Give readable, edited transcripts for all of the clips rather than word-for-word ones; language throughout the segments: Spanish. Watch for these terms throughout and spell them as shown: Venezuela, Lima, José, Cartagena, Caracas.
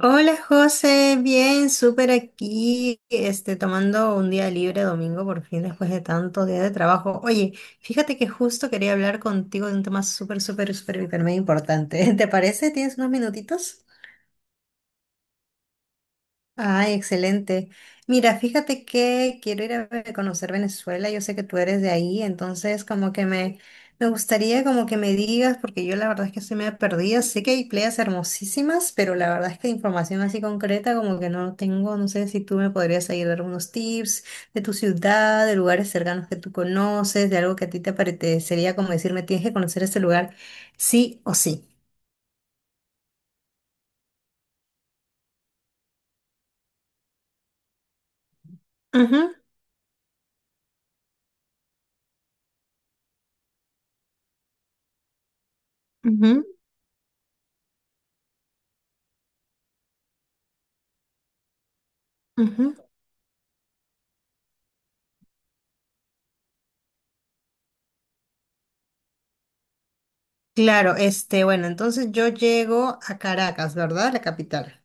Hola José, bien, súper aquí, tomando un día libre domingo por fin después de tanto día de trabajo. Oye, fíjate que justo quería hablar contigo de un tema súper, súper, súper, hiper, mega importante. ¿Te parece? ¿Tienes unos minutitos? Ay, excelente. Mira, fíjate que quiero ir a conocer Venezuela. Yo sé que tú eres de ahí, entonces me gustaría como que me digas, porque yo la verdad es que estoy medio perdida. Sé que hay playas hermosísimas, pero la verdad es que información así concreta como que no tengo. No sé si tú me podrías ayudar algunos tips de tu ciudad, de lugares cercanos que tú conoces, de algo que a ti te parecería como decirme, tienes que conocer este lugar sí o sí. Ujú, ujú, ujú. Claro, bueno, entonces yo llego a Caracas, ¿verdad? La capital.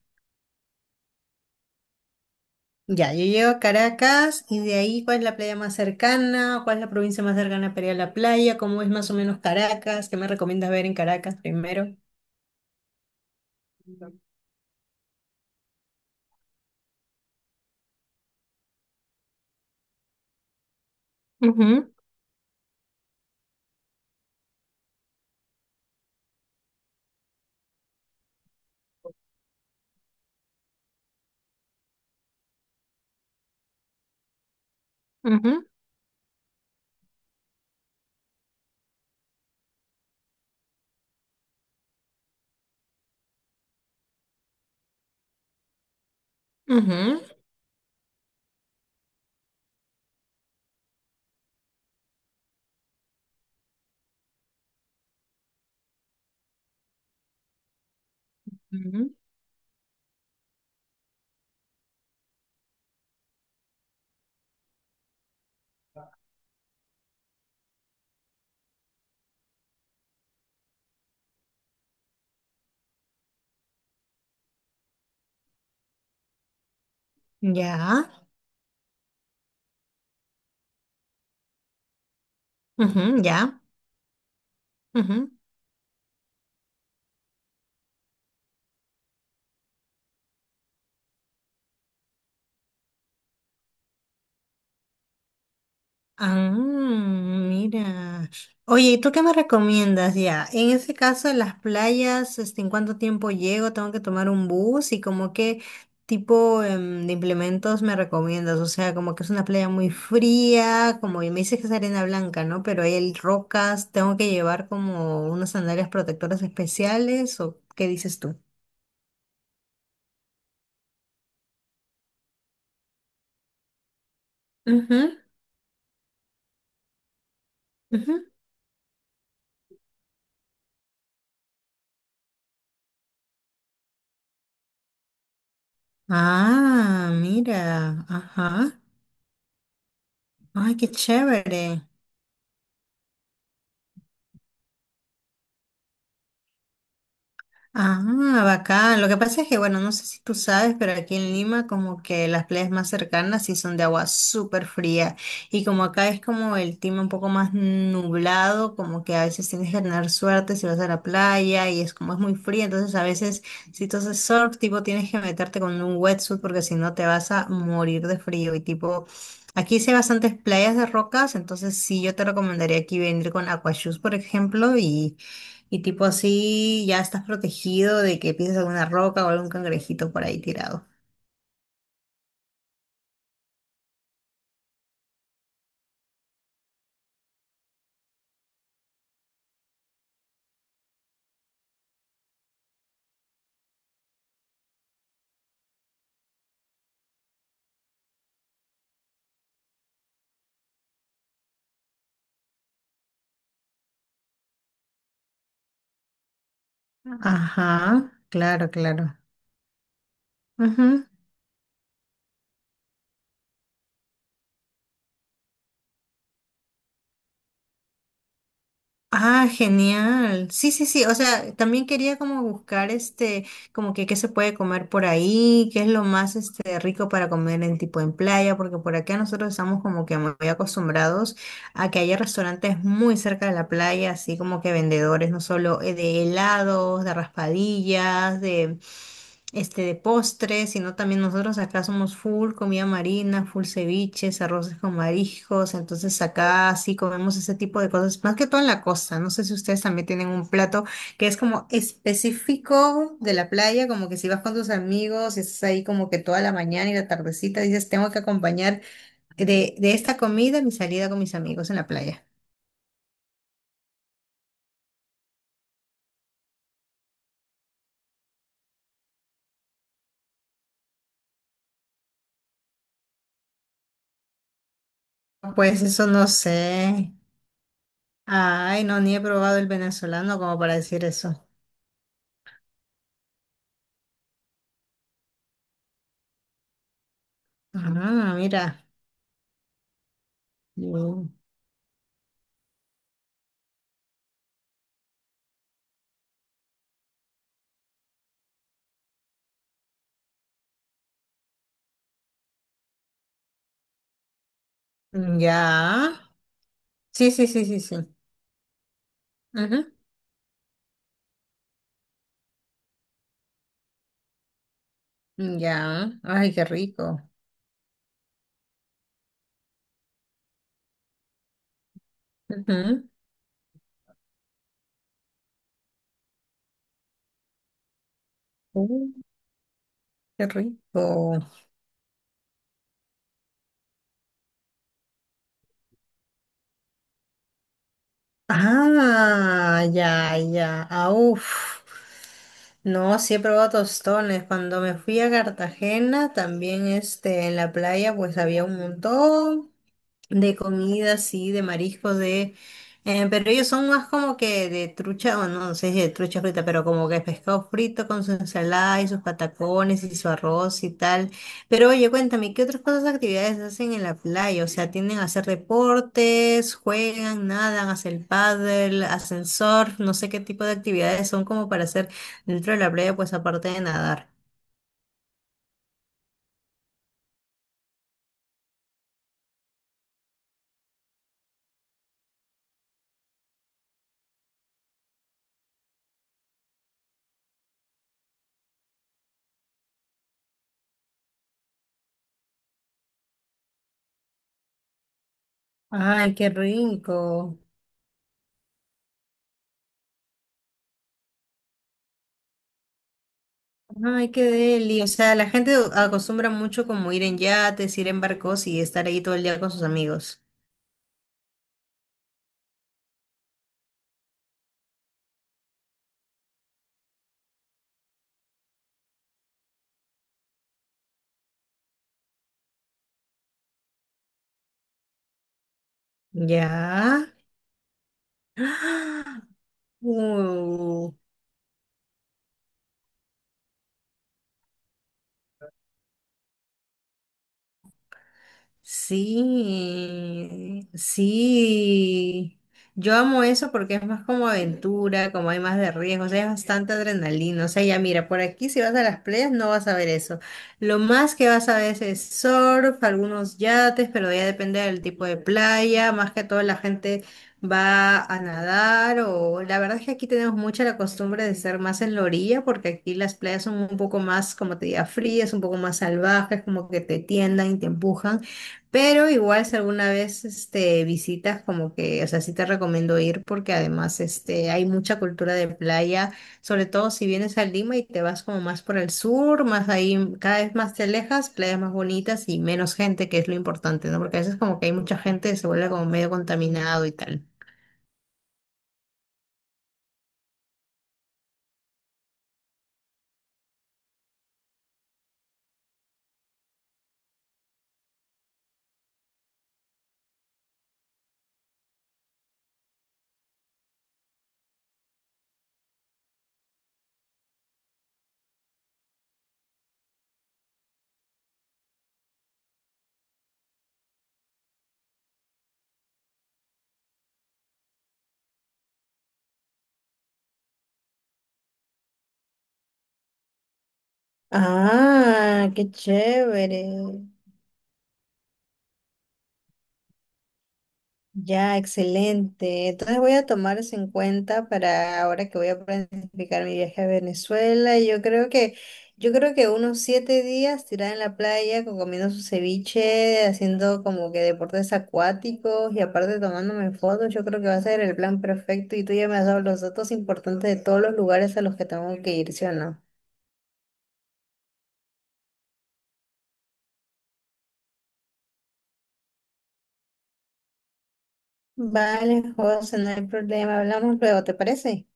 Ya, yo llego a Caracas y de ahí, ¿cuál es la playa más cercana? ¿Cuál es la provincia más cercana para ir a la playa? ¿Cómo es más o menos Caracas? ¿Qué me recomiendas ver en Caracas primero? Ujú, ujú, ujú, ujú, ya. Ujú, ya. Ujú. Ah, mira. Oye, ¿y tú qué me recomiendas ya? En ese caso, en las playas, este, ¿en cuánto tiempo llego? ¿Tengo que tomar un bus? ¿Y como qué tipo de implementos me recomiendas? O sea, como que es una playa muy fría, como y me dices que es arena blanca, ¿no? Pero hay rocas, ¿tengo que llevar como unas sandalias protectoras especiales? ¿O qué dices tú? Ujú, ujú. Ah, mira, ajá. Ay, qué chévere. Ah, bacán. Lo que pasa es que, bueno, no sé si tú sabes, pero aquí en Lima como que las playas más cercanas sí son de agua súper fría. Y como acá es como el clima un poco más nublado, como que a veces tienes que tener suerte si vas a la playa y es como es muy fría, entonces a veces si tú haces surf, tipo tienes que meterte con un wetsuit porque si no te vas a morir de frío. Y tipo, aquí sí hay bastantes playas de rocas, entonces sí yo te recomendaría aquí venir con aquashoes, por ejemplo, y... Y tipo así ya estás protegido de que pises alguna roca o algún cangrejito por ahí tirado. Ajá, claro, claro. Ujú. Ah, genial. Sí, sí, sí. O sea, también quería como buscar como que qué se puede comer por ahí, qué es lo más este rico para comer en tipo en playa, porque por acá nosotros estamos como que muy acostumbrados. Aquí hay restaurantes muy cerca de la playa, así como que vendedores, no solo de helados, de raspadillas, este, de postres, sino también nosotros acá somos full comida marina, full ceviches, arroces con mariscos, entonces acá sí comemos ese tipo de cosas, más que todo en la costa. No sé si ustedes también tienen un plato que es como específico de la playa, como que si vas con tus amigos y estás ahí como que toda la mañana y la tardecita, dices, tengo que acompañar de esta comida, mi salida con mis amigos en la playa. Pues eso no sé. Ay, no, ni he probado el venezolano como para decir eso. Ah, mira. Mm. Ya. Sí, sí, sí, sí, sí. Ujú. Ya. Ay, qué rico. Ujú. Uh, qué rico. Ah, ya, ya. Ah, uf. No, sí he probado tostones. Cuando me fui a Cartagena, también este, en la playa, pues había un montón. De comida, sí, de mariscos, de... pero ellos son más como que de trucha, o no sé si de trucha frita, pero como que pescado frito con su ensalada y sus patacones y su arroz y tal. Pero oye, cuéntame, ¿qué otras cosas, actividades hacen en la playa? O sea, ¿tienden a hacer deportes, juegan, nadan, hacen paddle, hacen surf? No sé qué tipo de actividades son como para hacer dentro de la playa, pues aparte de nadar. Ay, qué rico. Ay, qué deli. O sea, la gente acostumbra mucho como ir en yates, ir en barcos y estar ahí todo el día con sus amigos. Ya. ¡Ah! Uh, Sí, sí. Yo amo eso porque es más como aventura, como hay más de riesgo, o sea, es bastante adrenalina. O sea, ya mira, por aquí si vas a las playas no vas a ver eso. Lo más que vas a ver es surf, algunos yates, pero ya depende del tipo de playa. Más que todo la gente va a nadar o la verdad es que aquí tenemos mucha la costumbre de ser más en la orilla porque aquí las playas son un poco más, como te diga, frías, un poco más salvajes, como que te tiendan y te empujan. Pero igual si alguna vez este, visitas, como que, o sea, sí te recomiendo ir porque además este, hay mucha cultura de playa, sobre todo si vienes a Lima y te vas como más por el sur, más ahí, cada vez más te alejas, playas más bonitas y menos gente, que es lo importante, ¿no? Porque a veces como que hay mucha gente se vuelve como medio contaminado y tal. Ah, qué chévere. Ya, excelente. Entonces voy a tomar eso en cuenta para ahora que voy a planificar mi viaje a Venezuela. Yo creo que unos 7 días tirada en la playa, comiendo su ceviche, haciendo como que deportes acuáticos y aparte tomándome fotos, yo creo que va a ser el plan perfecto. Y tú ya me has dado los datos importantes de todos los lugares a los que tengo que ir, ¿sí o no? Vale, José, no hay problema. Hablamos luego, ¿te parece?